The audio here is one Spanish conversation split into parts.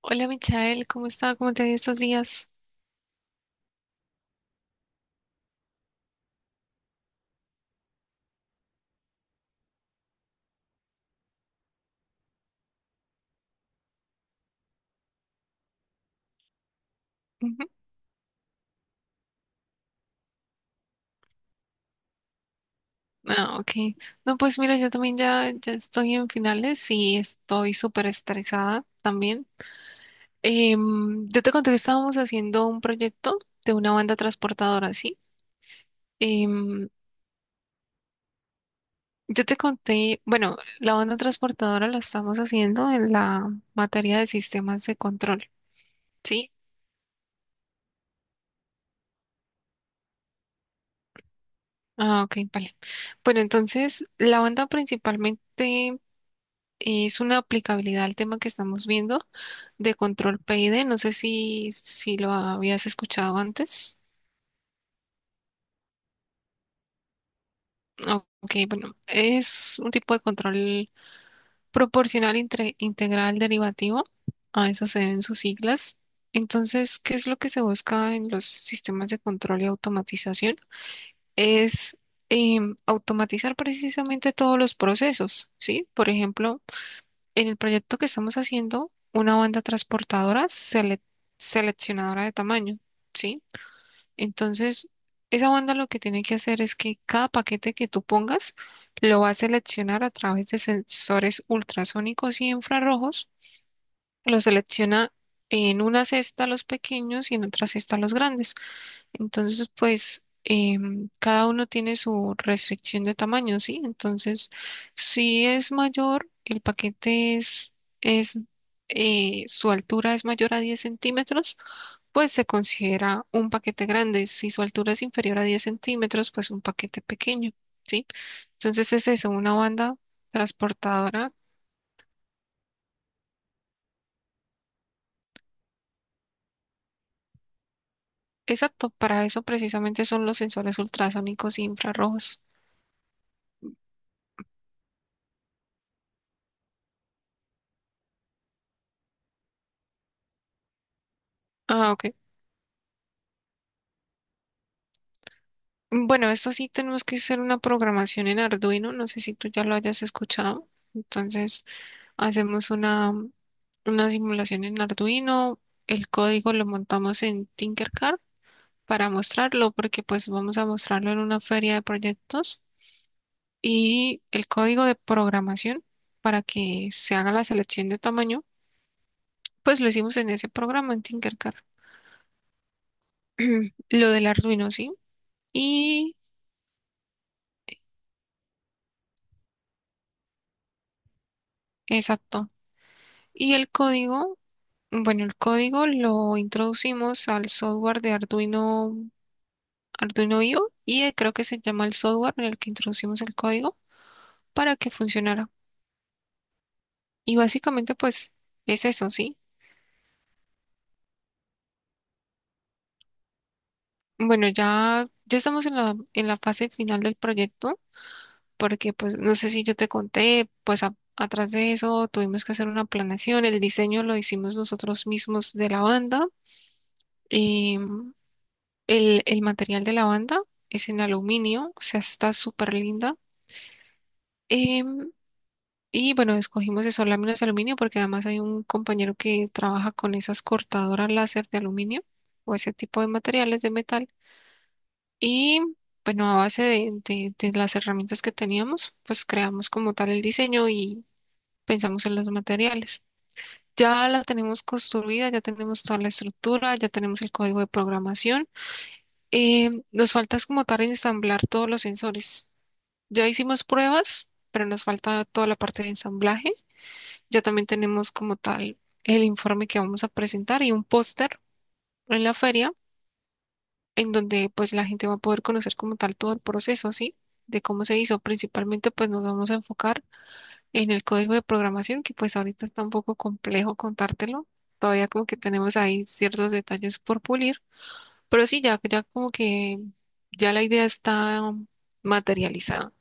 Hola Michael, ¿cómo está? ¿Cómo te ha ido estos días? Ujú. Ah, ok. No, pues mira, yo también ya estoy en finales y estoy súper estresada también. Yo te conté que estábamos haciendo un proyecto de una banda transportadora, ¿sí? Em, yo te conté, bueno, la banda transportadora la estamos haciendo en la materia de sistemas de control, ¿sí? Ah, ok, vale. Bueno, entonces, la banda principalmente es una aplicabilidad al tema que estamos viendo de Control PID. No sé si lo habías escuchado antes. Ok, bueno, es un tipo de control proporcional integral derivativo. A eso se deben sus siglas. Entonces, ¿qué es lo que se busca en los sistemas de control y automatización? Es automatizar precisamente todos los procesos, ¿sí? Por ejemplo, en el proyecto que estamos haciendo, una banda transportadora seleccionadora de tamaño, ¿sí? Entonces, esa banda lo que tiene que hacer es que cada paquete que tú pongas lo va a seleccionar a través de sensores ultrasónicos y infrarrojos. Lo selecciona en una cesta los pequeños y en otra cesta los grandes. Entonces, pues cada uno tiene su restricción de tamaño, ¿sí? Entonces, si es mayor, el paquete es, su altura es mayor a 10 centímetros, pues se considera un paquete grande. Si su altura es inferior a 10 centímetros, pues un paquete pequeño, ¿sí? Entonces es eso, una banda transportadora. Exacto, para eso precisamente son los sensores ultrasónicos e infrarrojos. Ah, ok. Bueno, esto sí tenemos que hacer una programación en Arduino, no sé si tú ya lo hayas escuchado. Entonces hacemos una, una simulación en Arduino, el código lo montamos en Tinkercad para mostrarlo, porque pues vamos a mostrarlo en una feria de proyectos y el código de programación para que se haga la selección de tamaño, pues lo hicimos en ese programa en Tinkercad, lo del Arduino, ¿sí? Y exacto. Y el código, bueno, el código lo introducimos al software de Arduino, Arduino IO y creo que se llama el software en el que introducimos el código para que funcionara. Y básicamente pues es eso, ¿sí? Bueno, ya estamos en en la fase final del proyecto, porque pues no sé si yo te conté, pues atrás de eso tuvimos que hacer una planeación, el diseño lo hicimos nosotros mismos de la banda, y el material de la banda es en aluminio, o sea, está súper linda. em, y bueno, escogimos eso, láminas de aluminio, porque además hay un compañero que trabaja con esas cortadoras láser de aluminio o ese tipo de materiales de metal. Y bueno, a base de las herramientas que teníamos, pues creamos como tal el diseño y pensamos en los materiales. Ya la tenemos construida, ya tenemos toda la estructura, ya tenemos el código de programación. Nos falta es como tal ensamblar todos los sensores. Ya hicimos pruebas, pero nos falta toda la parte de ensamblaje. Ya también tenemos como tal el informe que vamos a presentar y un póster en la feria en donde pues la gente va a poder conocer como tal todo el proceso, ¿sí? De cómo se hizo. Principalmente pues nos vamos a enfocar en el código de programación, que pues ahorita está un poco complejo contártelo. Todavía como que tenemos ahí ciertos detalles por pulir, pero sí, ya como que ya la idea está materializada.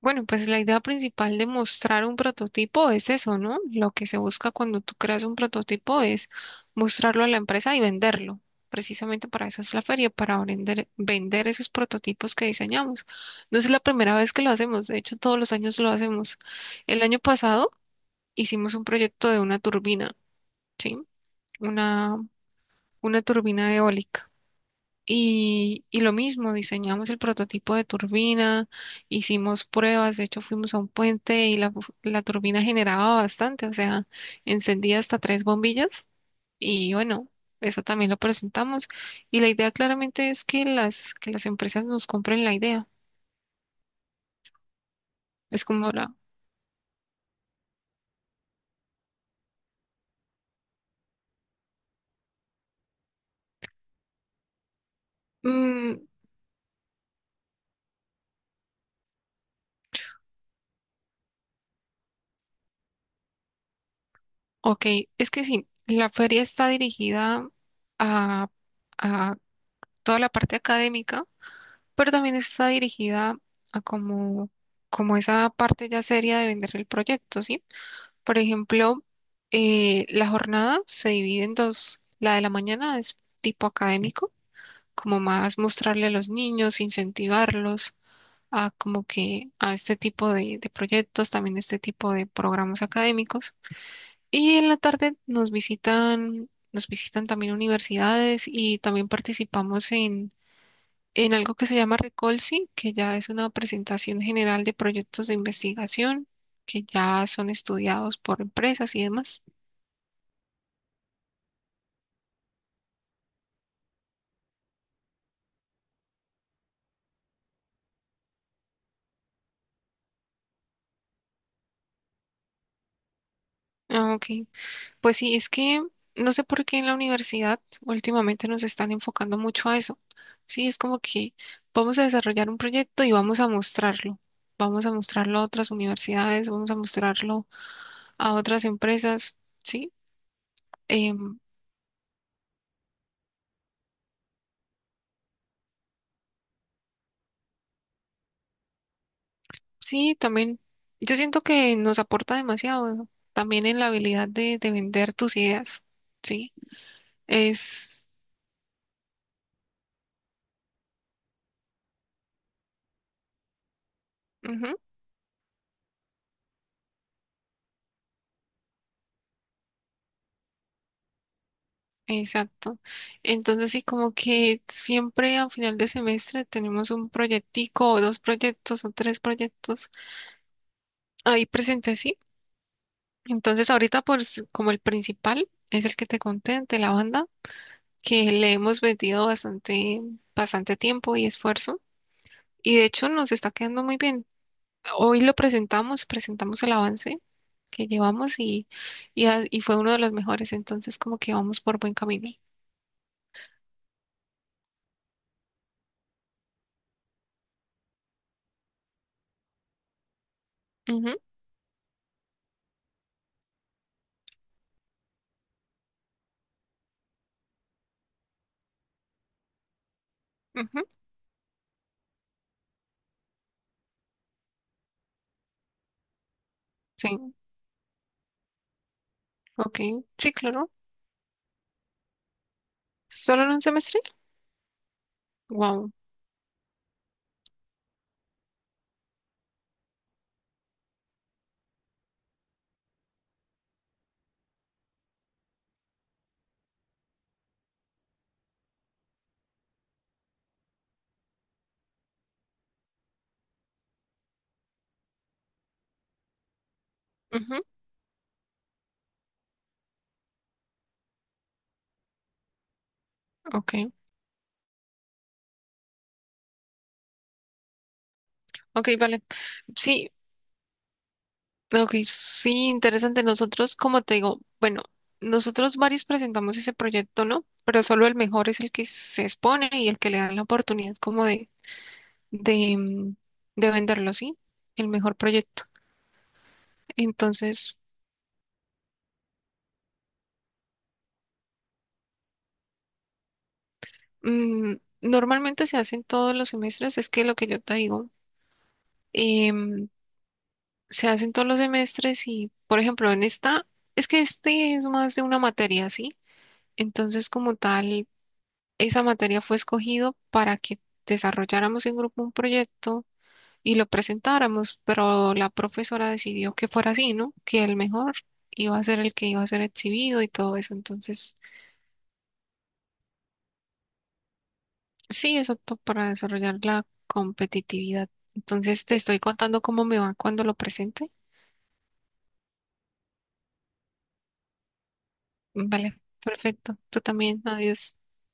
Bueno, pues la idea principal de mostrar un prototipo es eso, ¿no? Lo que se busca cuando tú creas un prototipo es mostrarlo a la empresa y venderlo. Precisamente para eso es la feria, para vender, vender esos prototipos que diseñamos. No es la primera vez que lo hacemos, de hecho todos los años lo hacemos. El año pasado hicimos un proyecto de una turbina, ¿sí? Una, una turbina eólica. Y lo mismo, diseñamos el prototipo de turbina, hicimos pruebas, de hecho fuimos a un puente y la turbina generaba bastante, o sea, encendía hasta tres bombillas y bueno, eso también lo presentamos. Y la idea claramente es que que las empresas nos compren la idea. Es como la... Mm, ok, es que sí, la feria está dirigida a, a toda la parte académica, pero también está dirigida a como, como esa parte ya seria de vender el proyecto, ¿sí? Por ejemplo, la jornada se divide en dos. La de la mañana es tipo académico, como más mostrarle a los niños, incentivarlos a como que a este tipo de proyectos, también este tipo de programas académicos. Y en la tarde nos visitan también universidades y también participamos en algo que se llama Recolsi, que ya es una presentación general de proyectos de investigación que ya son estudiados por empresas y demás. Ah, ok, pues sí, es que no sé por qué en la universidad últimamente nos están enfocando mucho a eso. Sí, es como que vamos a desarrollar un proyecto y vamos a mostrarlo. Vamos a mostrarlo a otras universidades, vamos a mostrarlo a otras empresas, ¿sí? Em, sí, también. Yo siento que nos aporta demasiado, también en la habilidad de vender tus ideas. Sí, es. Ujú, exacto. Entonces, sí, como que siempre a final de semestre tenemos un proyectico, o dos proyectos, o tres proyectos ahí presentes, sí. Entonces, ahorita, pues, como el principal es el que te conté de la banda, que le hemos metido bastante tiempo y esfuerzo. Y de hecho, nos está quedando muy bien. Hoy lo presentamos, presentamos el avance que llevamos y fue uno de los mejores, entonces como que vamos por buen camino. Ujú, ujú, sí, ok, sí, claro. ¿Solo en un semestre? Wow. Ujú, ok, ok, vale. Sí, ok, sí, interesante. Nosotros, como te digo, bueno, nosotros varios presentamos ese proyecto, ¿no? Pero solo el mejor es el que se expone y el que le dan la oportunidad como de, mm, de venderlo, ¿sí? El mejor proyecto. Entonces, Mm, normalmente se hacen todos los semestres, es que lo que yo te digo, em, se hacen todos los semestres y, por ejemplo, en esta, es que este es más de una materia, ¿sí? Entonces, como tal, esa materia fue escogido para que desarrolláramos en grupo un proyecto y lo presentáramos, pero la profesora decidió que fuera así, ¿no? Que el mejor iba a ser el que iba a ser exhibido y todo eso, entonces... Sí, exacto, para desarrollar la competitividad. Entonces, te estoy contando cómo me va cuando lo presente. Vale, perfecto. Tú también, adiós.